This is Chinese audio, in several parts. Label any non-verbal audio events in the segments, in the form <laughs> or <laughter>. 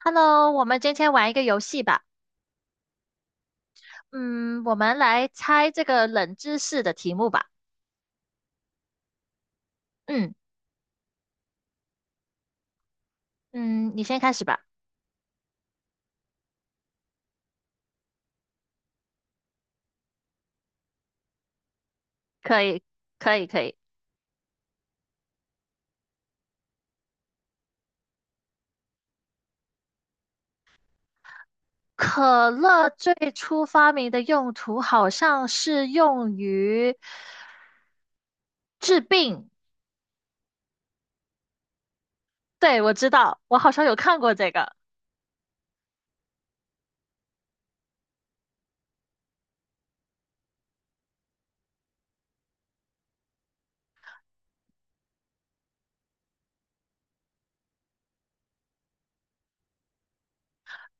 Hello，我们今天玩一个游戏吧。嗯，我们来猜这个冷知识的题目吧。嗯嗯，你先开始吧。可以，可以，可以。可乐最初发明的用途好像是用于治病。对，我知道，我好像有看过这个。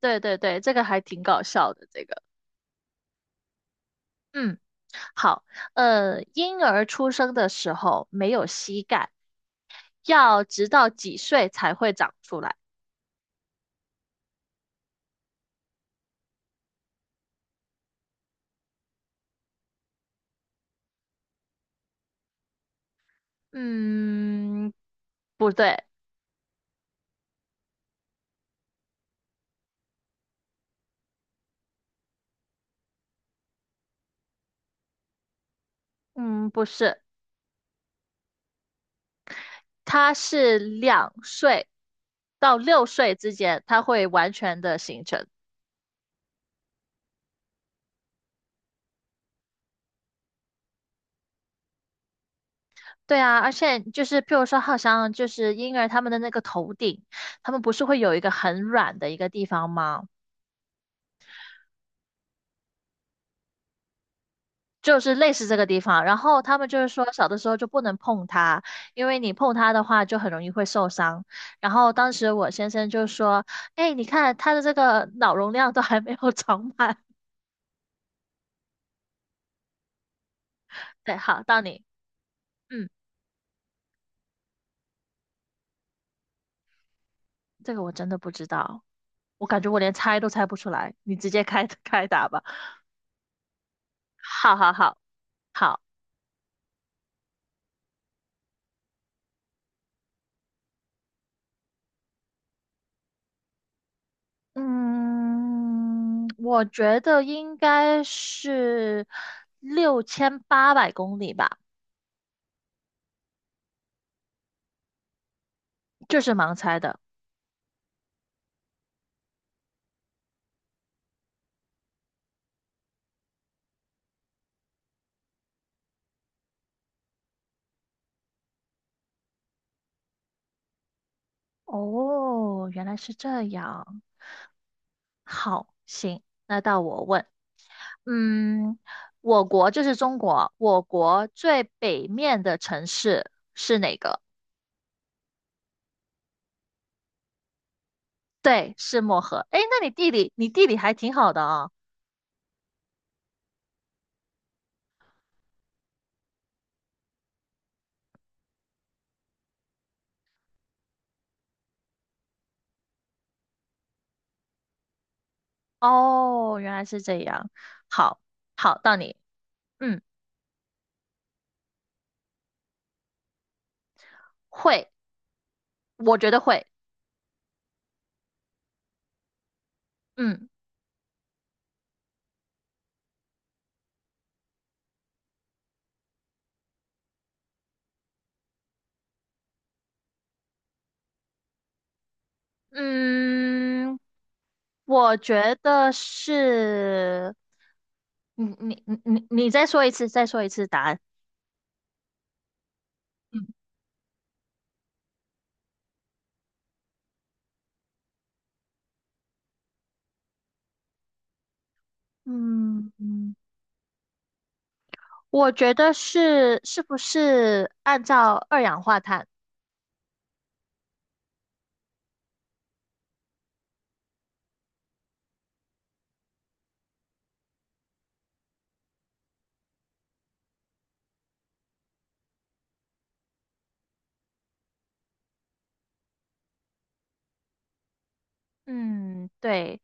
对对对，这个还挺搞笑的。这个，嗯，好。婴儿出生的时候没有膝盖，要直到几岁才会长出来？嗯，不对，嗯，不是，它是2岁到6岁之间，它会完全的形成。对啊，而且就是譬如说，好像就是婴儿他们的那个头顶，他们不是会有一个很软的一个地方吗？就是类似这个地方，然后他们就是说小的时候就不能碰它，因为你碰它的话就很容易会受伤。然后当时我先生就说：“哎，你看他的这个脑容量都还没有长满。”对，好，到你。嗯，这个我真的不知道，我感觉我连猜都猜不出来，你直接开 <laughs> 开打吧。好好好好，嗯，我觉得应该是6800公里吧，这是盲猜的。哦，原来是这样。好，行，那到我问。嗯，我国就是中国，我国最北面的城市是哪个？对，是漠河。哎，那你地理还挺好的啊。哦，原来是这样。好，好，到你。嗯，会，我觉得会。嗯嗯，我觉得是。你再说一次，再说一次答案。嗯嗯嗯，我觉得是，是不是按照二氧化碳？嗯，对，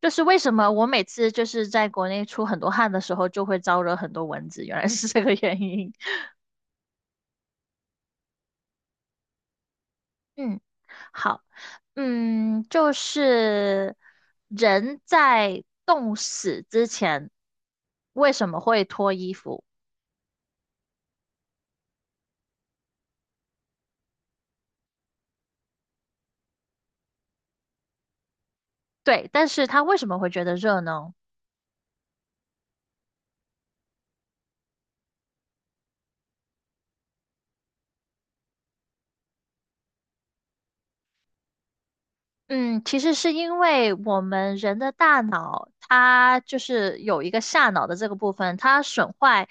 就是为什么我每次就是在国内出很多汗的时候，就会招惹很多蚊子，原来是这个原因。<laughs> 嗯，好，就是人在冻死之前为什么会脱衣服？对，但是他为什么会觉得热呢？嗯，其实是因为我们人的大脑，它就是有一个下脑的这个部分，它损坏，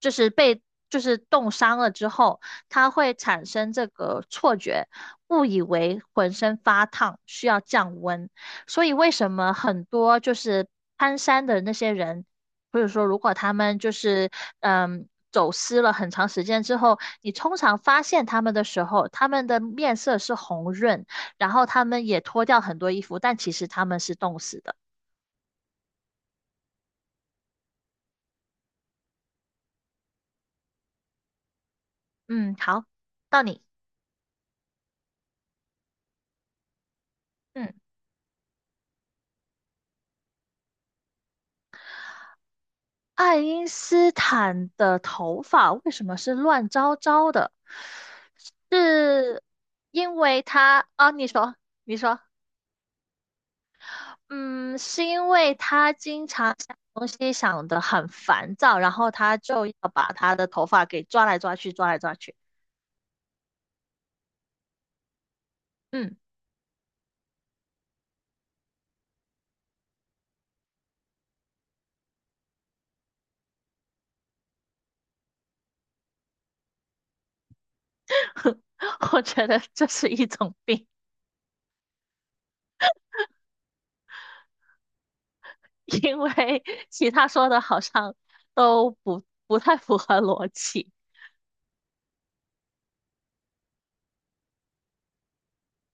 就是被就是冻伤了之后，它会产生这个错觉，误以为浑身发烫，需要降温。所以为什么很多就是攀山的那些人，或者说如果他们就是走失了很长时间之后，你通常发现他们的时候，他们的面色是红润。然后他们也脱掉很多衣服，但其实他们是冻死的。嗯，好，到你。嗯，爱因斯坦的头发为什么是乱糟糟的？是因为他啊？你说，你说，嗯，是因为他经常想东西想得很烦躁，然后他就要把他的头发给抓来抓去，抓来抓去。嗯，<laughs> 我觉得这是一种病。<laughs> 因为其他说的好像都不太符合逻辑。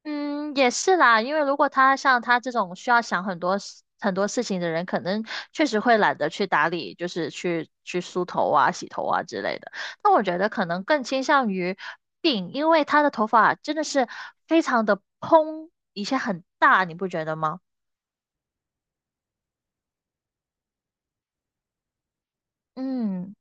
嗯，也是啦，因为如果他像他这种需要想很多事情的人，可能确实会懒得去打理，就是去梳头啊、洗头啊之类的。那我觉得可能更倾向于病，因为他的头发真的是非常的蓬，以前很大，你不觉得吗？嗯，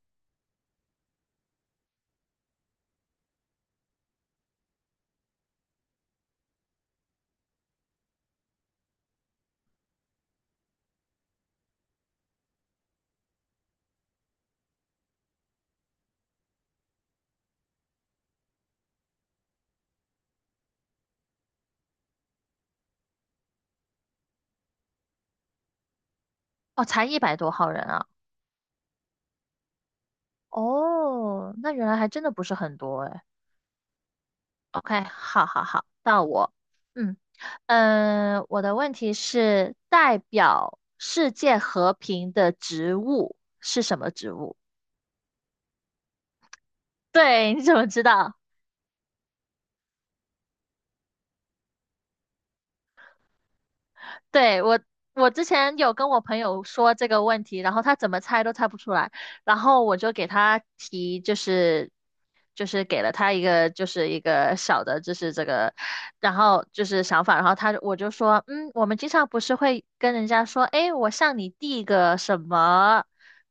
哦，才100多号人啊。哦，那原来还真的不是很多诶。OK，好好好，到我，嗯，我的问题是代表世界和平的植物是什么植物？<laughs> 对，你怎么知道？对，我之前有跟我朋友说这个问题，然后他怎么猜都猜不出来，然后我就给他提，就是给了他一个就是一个小的，就是这个，然后就是想法，然后我就说，我们经常不是会跟人家说，诶，我向你递个什么，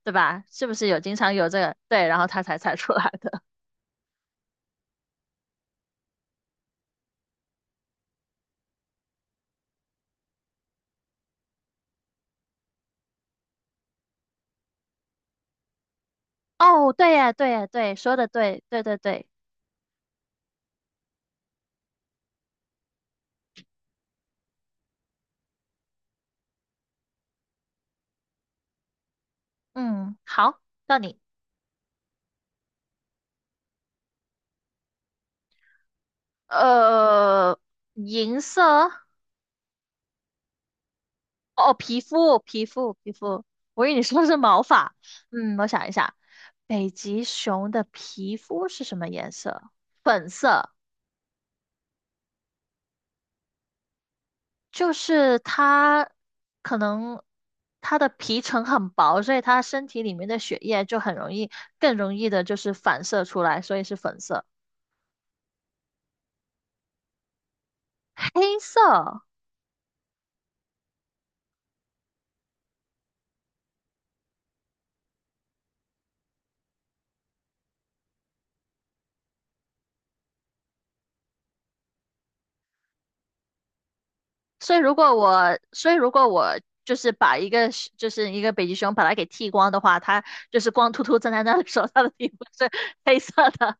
对吧？是不是有经常有这个？对，然后他才猜出来的。哦，对呀，对呀，对，说的对，对对对，嗯，好，到你，呃，银色。哦，哦皮肤，皮肤，皮肤，我以为你说的是毛发。我想一下，北极熊的皮肤是什么颜色？粉色，就是它可能它的皮层很薄，所以它身体里面的血液就很容易，更容易的就是反射出来，所以是粉色。黑色，所以如果我就是把一个是就是一个北极熊把它给剃光的话，它就是光秃秃站在那里的时候，它的皮肤是黑色的。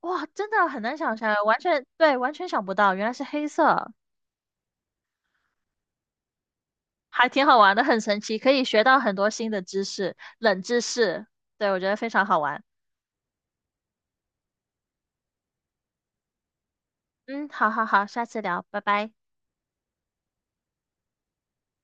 哇，真的很难想象，完全对，完全想不到，原来是黑色，还挺好玩的，很神奇，可以学到很多新的知识，冷知识，对，我觉得非常好玩。嗯，好好好，下次聊，拜拜。